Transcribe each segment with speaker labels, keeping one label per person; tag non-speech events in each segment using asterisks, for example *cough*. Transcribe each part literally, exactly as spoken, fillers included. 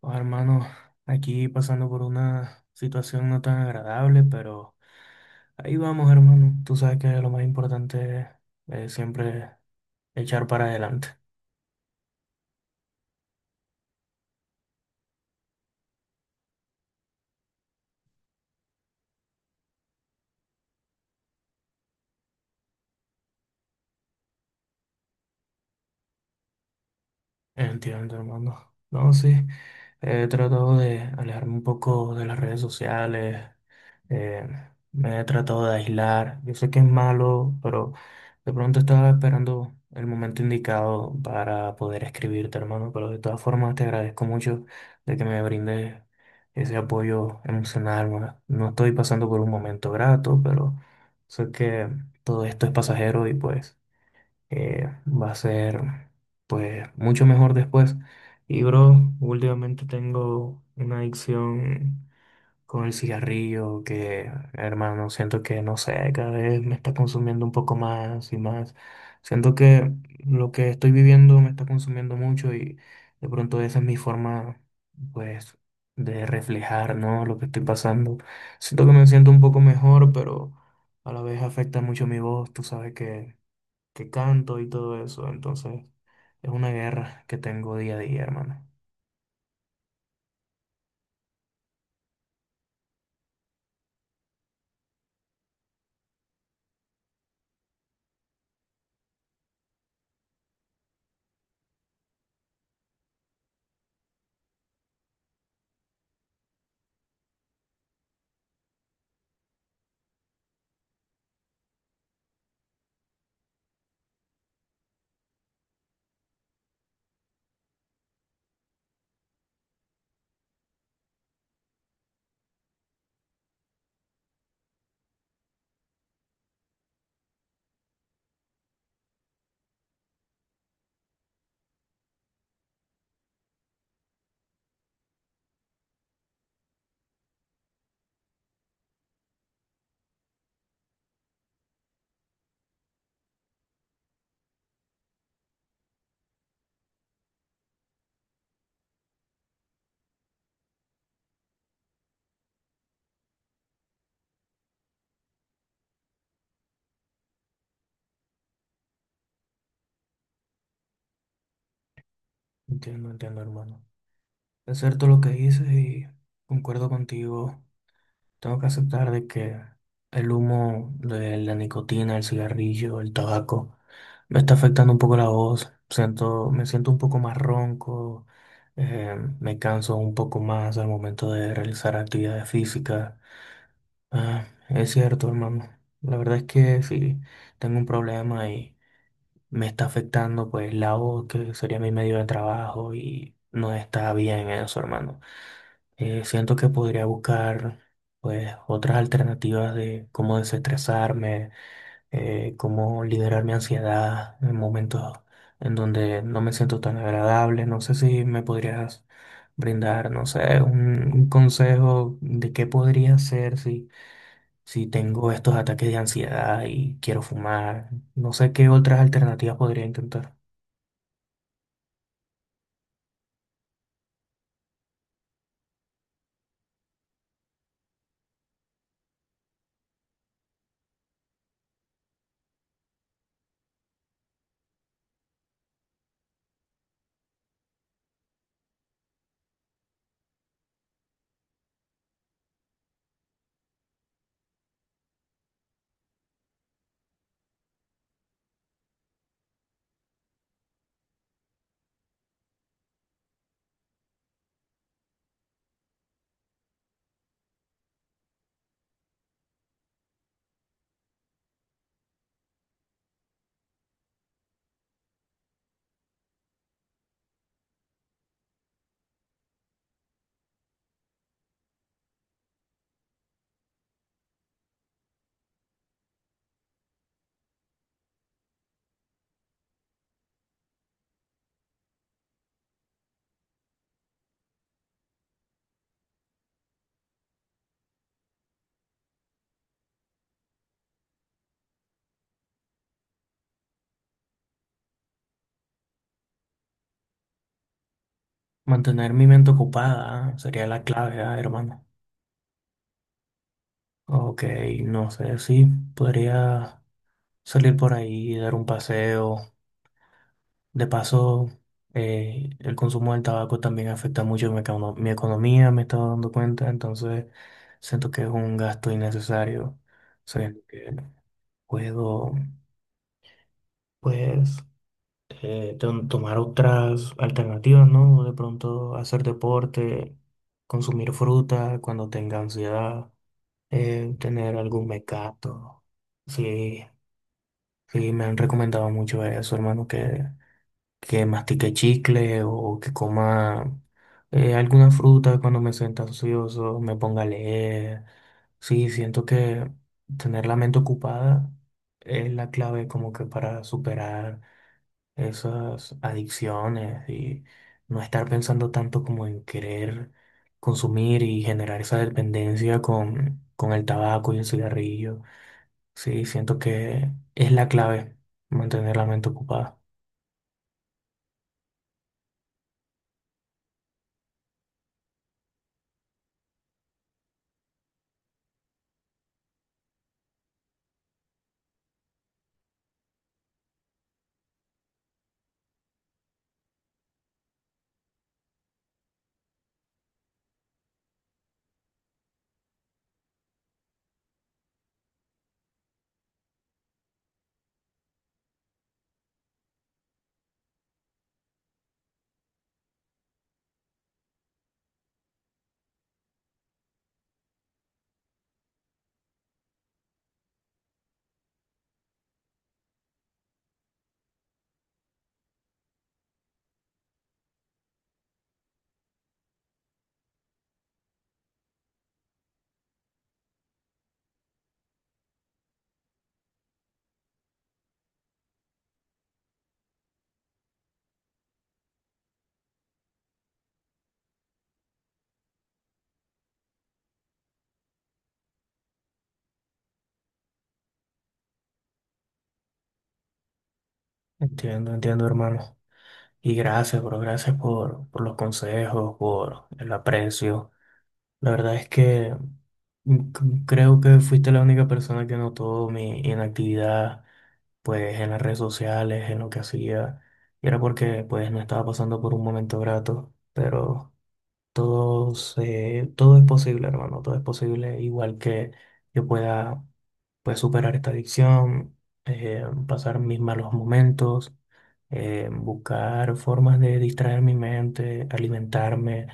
Speaker 1: Oh, hermano, aquí pasando por una situación no tan agradable, pero ahí vamos, hermano. Tú sabes que lo más importante es siempre echar para adelante. Entiendo, hermano. No, sí, he tratado de alejarme un poco de las redes sociales. Eh, Me he tratado de aislar. Yo sé que es malo, pero de pronto estaba esperando el momento indicado para poder escribirte, hermano. Pero de todas formas te agradezco mucho de que me brindes ese apoyo emocional. No No estoy pasando por un momento grato, pero sé que todo esto es pasajero y pues eh, va a ser pues mucho mejor después. Y bro, últimamente tengo una adicción con el cigarrillo, que hermano, siento que no sé, cada vez me está consumiendo un poco más y más. Siento que lo que estoy viviendo me está consumiendo mucho y de pronto esa es mi forma, pues, de reflejar, ¿no? Lo que estoy pasando. Siento que me siento un poco mejor, pero a la vez afecta mucho mi voz, tú sabes que, que canto y todo eso, entonces es una guerra que tengo día a día, hermano. Entiendo, entiendo, hermano. Es cierto lo que dices y concuerdo contigo. Tengo que aceptar de que el humo de la nicotina, el cigarrillo, el tabaco, me está afectando un poco la voz. Siento, me siento un poco más ronco, eh, me canso un poco más al momento de realizar actividades físicas. Ah, es cierto, hermano. La verdad es que sí, tengo un problema y me está afectando pues la voz, que sería mi medio de trabajo y no está bien eso, hermano. Eh, siento que podría buscar pues otras alternativas de cómo desestresarme, eh, cómo liderar mi ansiedad en momentos en donde no me siento tan agradable. No sé si me podrías brindar, no sé, un, un consejo de qué podría hacer si, si tengo estos ataques de ansiedad y quiero fumar. No sé qué otras alternativas podría intentar. Mantener mi mente ocupada sería la clave, ah, hermano. Ok, no sé si podría salir por ahí, dar un paseo. De paso, eh, el consumo del tabaco también afecta mucho mi, econo- mi economía, me he estado dando cuenta, entonces siento que es un gasto innecesario. Siento que puedo, pues, eh, tom- tomar otras alternativas, ¿no? De pronto hacer deporte, consumir fruta cuando tenga ansiedad, eh, tener algún mecato. Sí, sí, me han recomendado mucho eso, hermano, que que mastique chicle o que coma eh, alguna fruta cuando me sienta ansioso, me ponga a leer. Sí, siento que tener la mente ocupada es la clave como que para superar esas adicciones y no estar pensando tanto como en querer consumir y generar esa dependencia con, con el tabaco y el cigarrillo. Sí, siento que es la clave mantener la mente ocupada. Entiendo, entiendo, hermano. Y gracias, bro, gracias por, por los consejos, por el aprecio. La verdad es que mm, c- creo que fuiste la única persona que notó mi inactividad, pues en las redes sociales, en lo que hacía. Y era porque pues no estaba pasando por un momento grato, pero todo, se- todo es posible, hermano, todo es posible, igual que yo pueda pues, superar esta adicción, eh, pasar mis malos momentos, eh, buscar formas de distraer mi mente, alimentarme,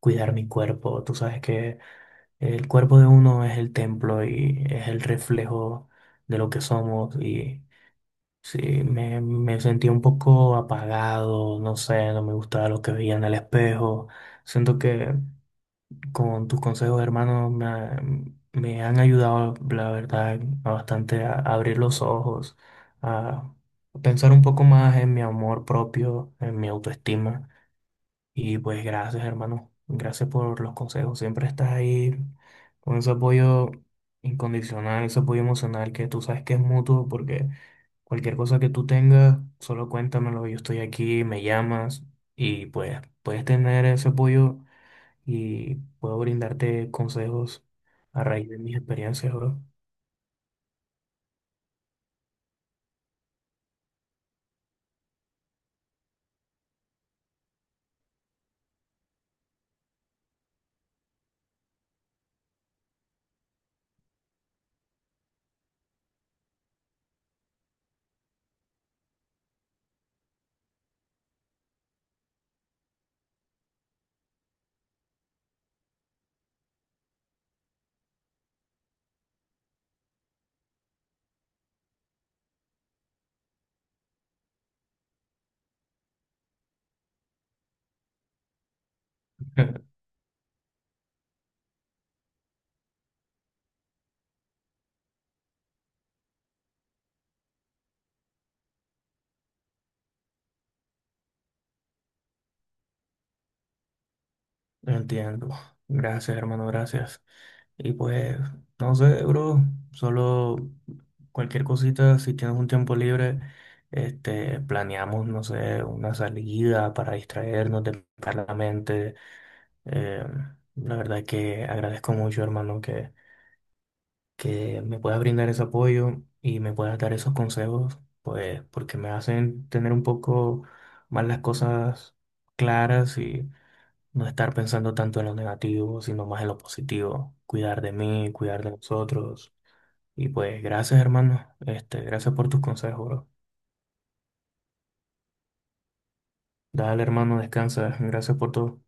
Speaker 1: cuidar mi cuerpo. Tú sabes que el cuerpo de uno es el templo y es el reflejo de lo que somos y sí, me, me sentí un poco apagado, no sé, no me gustaba lo que veía en el espejo. Siento que... Con tus consejos, hermano, me, ha- me han ayudado, la verdad, a bastante a abrir los ojos, a pensar un poco más en mi amor propio, en mi autoestima. Y pues gracias, hermano. Gracias por los consejos. Siempre estás ahí con ese apoyo incondicional, ese apoyo emocional que tú sabes que es mutuo, porque cualquier cosa que tú tengas, solo cuéntamelo. Yo estoy aquí, me llamas y pues puedes tener ese apoyo y puedo brindarte consejos a raíz de mis experiencias, bro. *laughs* Entiendo. Gracias, hermano, gracias. Y pues, no sé, bro, solo cualquier cosita, si tienes un tiempo libre, este, planeamos, no sé, una salida para distraernos de la mente. Eh, la verdad que agradezco mucho, hermano, que que me puedas brindar ese apoyo y me puedas dar esos consejos, pues porque me hacen tener un poco más las cosas claras y no estar pensando tanto en lo negativo, sino más en lo positivo, cuidar de mí, cuidar de nosotros. Y pues gracias, hermano. Este, gracias por tus consejos, bro. Dale, hermano, descansa. Gracias por todo.